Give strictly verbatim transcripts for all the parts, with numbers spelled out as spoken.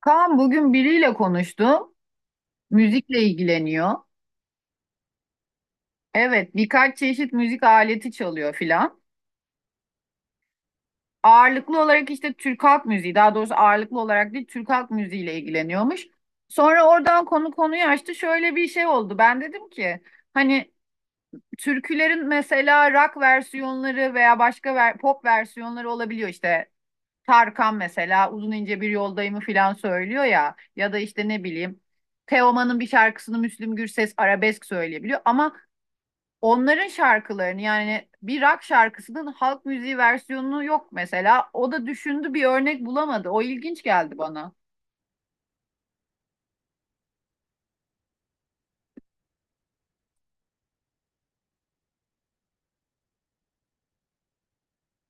Kaan, bugün biriyle konuştum. Müzikle ilgileniyor. Evet, birkaç çeşit müzik aleti çalıyor filan. Ağırlıklı olarak işte Türk halk müziği, daha doğrusu ağırlıklı olarak değil, Türk halk müziğiyle ilgileniyormuş. Sonra oradan konu konuyu açtı. Şöyle bir şey oldu. Ben dedim ki hani türkülerin mesela rock versiyonları veya başka ver- pop versiyonları olabiliyor işte. Tarkan mesela uzun ince bir yoldayımı filan söylüyor ya, ya da işte ne bileyim, Teoman'ın bir şarkısını Müslüm Gürses arabesk söyleyebiliyor ama onların şarkılarını, yani bir rock şarkısının halk müziği versiyonu yok mesela. O da düşündü, bir örnek bulamadı. O ilginç geldi bana.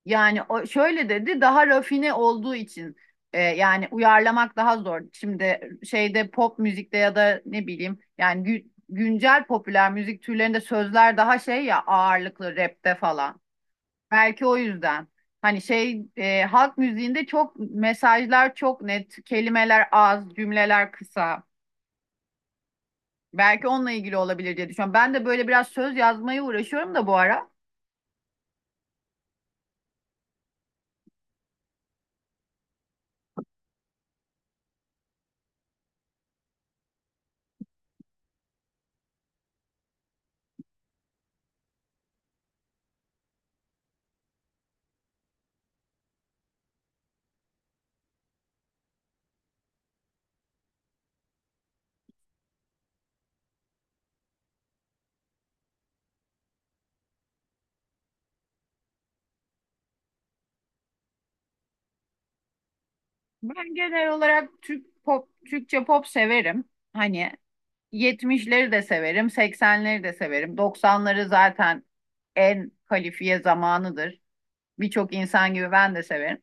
Yani o şöyle dedi, daha rafine olduğu için e, yani uyarlamak daha zor. Şimdi şeyde, pop müzikte ya da ne bileyim, yani gü- güncel popüler müzik türlerinde sözler daha şey ya, ağırlıklı rapte falan. Belki o yüzden. Hani şey, e, halk müziğinde çok, mesajlar çok net, kelimeler az, cümleler kısa. Belki onunla ilgili olabilir diye düşünüyorum. Ben de böyle biraz söz yazmaya uğraşıyorum da bu ara. Ben genel olarak Türk pop, Türkçe pop severim. Hani yetmişleri de severim, seksenleri de severim. Doksanları zaten en kalifiye zamanıdır. Birçok insan gibi ben de severim.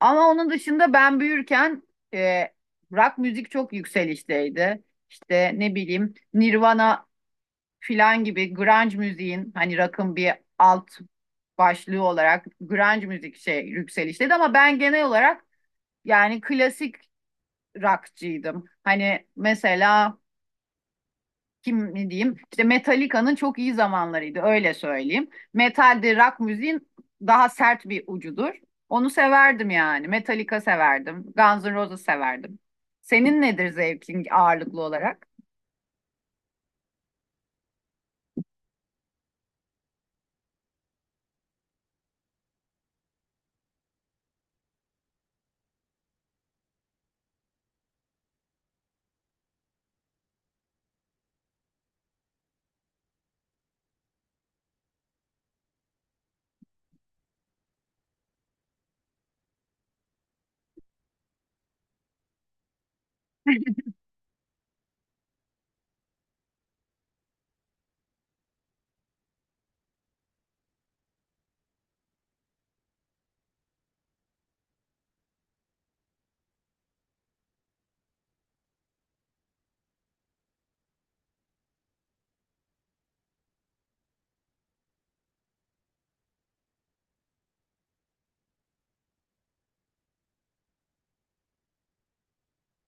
Ama onun dışında ben büyürken e, rock müzik çok yükselişteydi. İşte ne bileyim Nirvana filan gibi grunge müziğin, hani rock'ın bir alt başlığı olarak grunge müzik şey yükselişteydi ama ben genel olarak yani klasik rockçıydım. Hani mesela kim ne diyeyim, işte Metallica'nın çok iyi zamanlarıydı, öyle söyleyeyim. Metal de rock müziğin daha sert bir ucudur. Onu severdim yani. Metallica severdim. Guns N' Roses severdim. Senin nedir zevkin ağırlıklı olarak?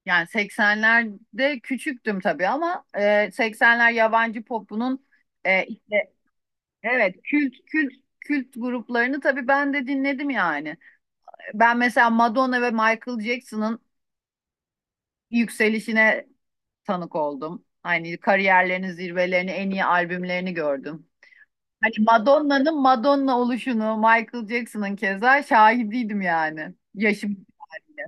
Yani seksenlerde küçüktüm tabii ama e, seksenler yabancı popunun e, işte evet, kült kült kült gruplarını tabii ben de dinledim yani. Ben mesela Madonna ve Michael Jackson'ın yükselişine tanık oldum. Hani kariyerlerinin zirvelerini, en iyi albümlerini gördüm. Hani Madonna'nın Madonna oluşunu, Michael Jackson'ın keza şahidiydim yani. Yaşım içinde.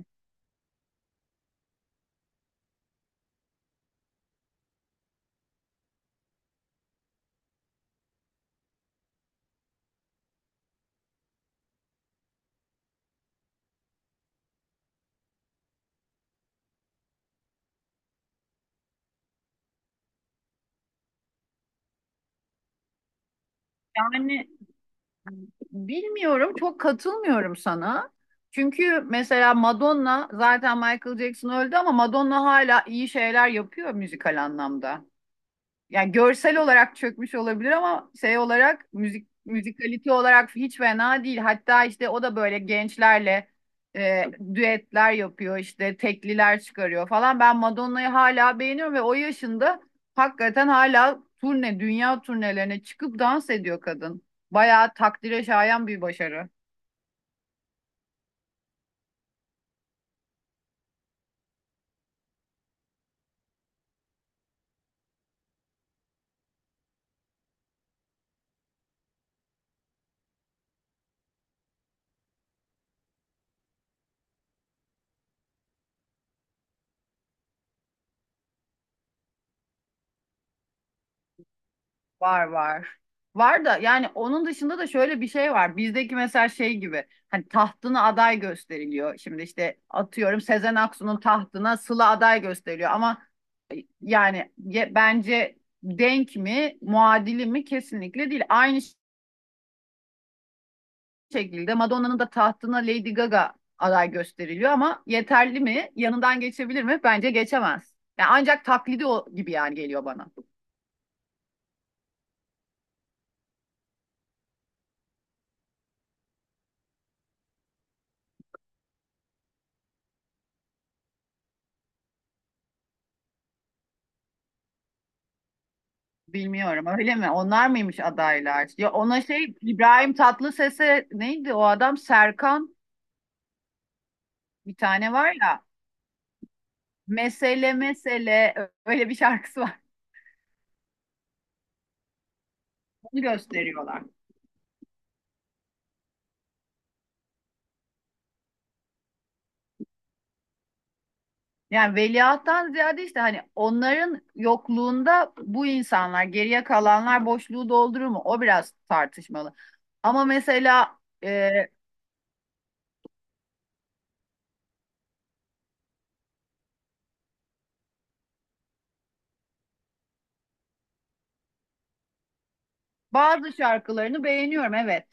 Yani bilmiyorum, çok katılmıyorum sana. Çünkü mesela Madonna, zaten Michael Jackson öldü ama Madonna hala iyi şeyler yapıyor müzikal anlamda. Yani görsel olarak çökmüş olabilir ama şey olarak, müzik, müzikalite olarak hiç fena değil. Hatta işte o da böyle gençlerle e, düetler yapıyor, işte tekliler çıkarıyor falan. Ben Madonna'yı hala beğeniyorum ve o yaşında hakikaten hala turne, dünya turnelerine çıkıp dans ediyor kadın. Bayağı takdire şayan bir başarı. Var, var. Var da yani onun dışında da şöyle bir şey var. Bizdeki mesela şey gibi, hani tahtına aday gösteriliyor. Şimdi işte atıyorum Sezen Aksu'nun tahtına Sıla aday gösteriliyor ama e, yani ye- bence denk mi, muadili mi, kesinlikle değil. Aynı şekilde Madonna'nın da tahtına Lady Gaga aday gösteriliyor ama yeterli mi? Yanından geçebilir mi? Bence geçemez. Yani ancak taklidi o gibi yani geliyor bana. Bilmiyorum, öyle mi? Onlar mıymış adaylar? Ya ona şey, İbrahim Tatlıses'e, neydi o adam, Serkan, bir tane var ya. Mesele mesele öyle bir şarkısı var. Onu gösteriyorlar. Yani veliahttan ziyade işte hani onların yokluğunda bu insanlar, geriye kalanlar boşluğu doldurur mu? O biraz tartışmalı. Ama mesela e, bazı şarkılarını beğeniyorum, evet.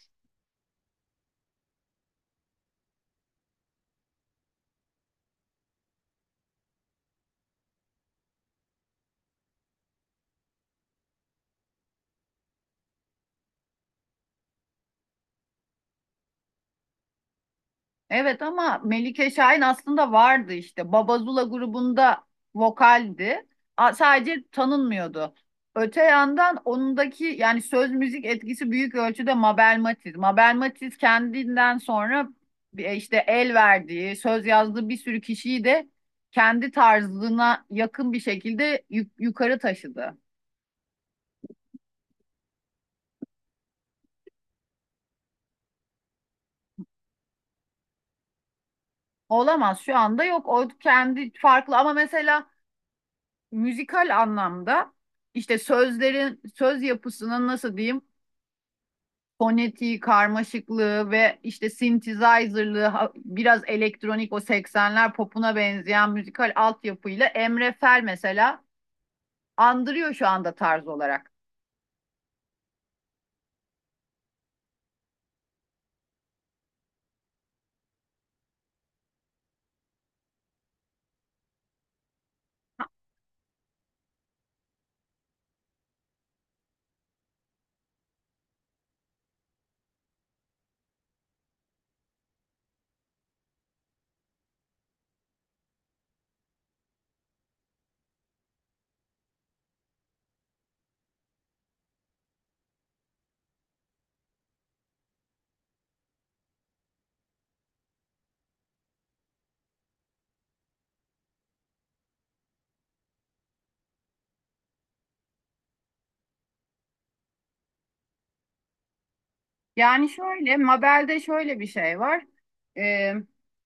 Evet ama Melike Şahin aslında vardı işte. Babazula grubunda vokaldi. A- Sadece tanınmıyordu. Öte yandan onundaki yani söz müzik etkisi büyük ölçüde Mabel Matiz. Mabel Matiz kendinden sonra bir- e, işte el verdiği, söz yazdığı bir sürü kişiyi de kendi tarzına yakın bir şekilde yuk- yukarı taşıdı. Olamaz, şu anda yok. O kendi farklı ama mesela müzikal anlamda işte sözlerin, söz yapısının, nasıl diyeyim, fonetiği, karmaşıklığı ve işte synthesizer'lığı, ha- biraz elektronik, o seksenler popuna benzeyen müzikal altyapıyla Emre Fel mesela andırıyor şu anda tarz olarak. Yani şöyle, Mabel'de şöyle bir şey var. Ee,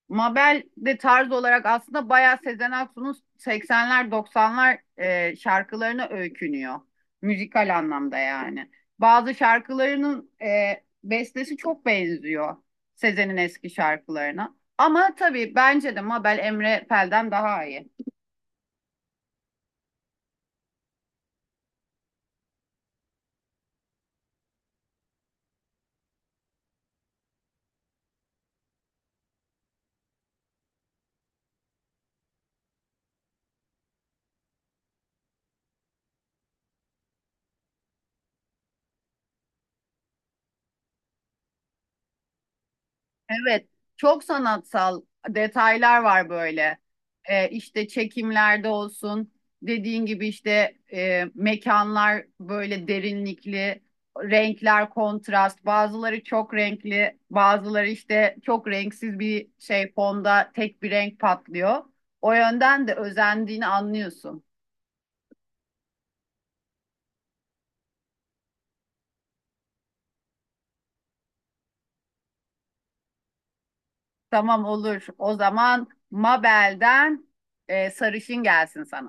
Mabel de tarz olarak aslında bayağı Sezen Aksu'nun seksenler doksanlar e, şarkılarına öykünüyor. Müzikal anlamda yani. Bazı şarkılarının e, bestesi çok benziyor Sezen'in eski şarkılarına. Ama tabii bence de Mabel Emre Pel'den daha iyi. Evet, çok sanatsal detaylar var böyle. Ee, işte çekimlerde olsun, dediğin gibi işte e, mekanlar böyle derinlikli, renkler kontrast, bazıları çok renkli, bazıları işte çok renksiz, bir şey fonda, tek bir renk patlıyor. O yönden de özendiğini anlıyorsun. Tamam, olur. O zaman Mabel'den e, sarışın gelsin sana.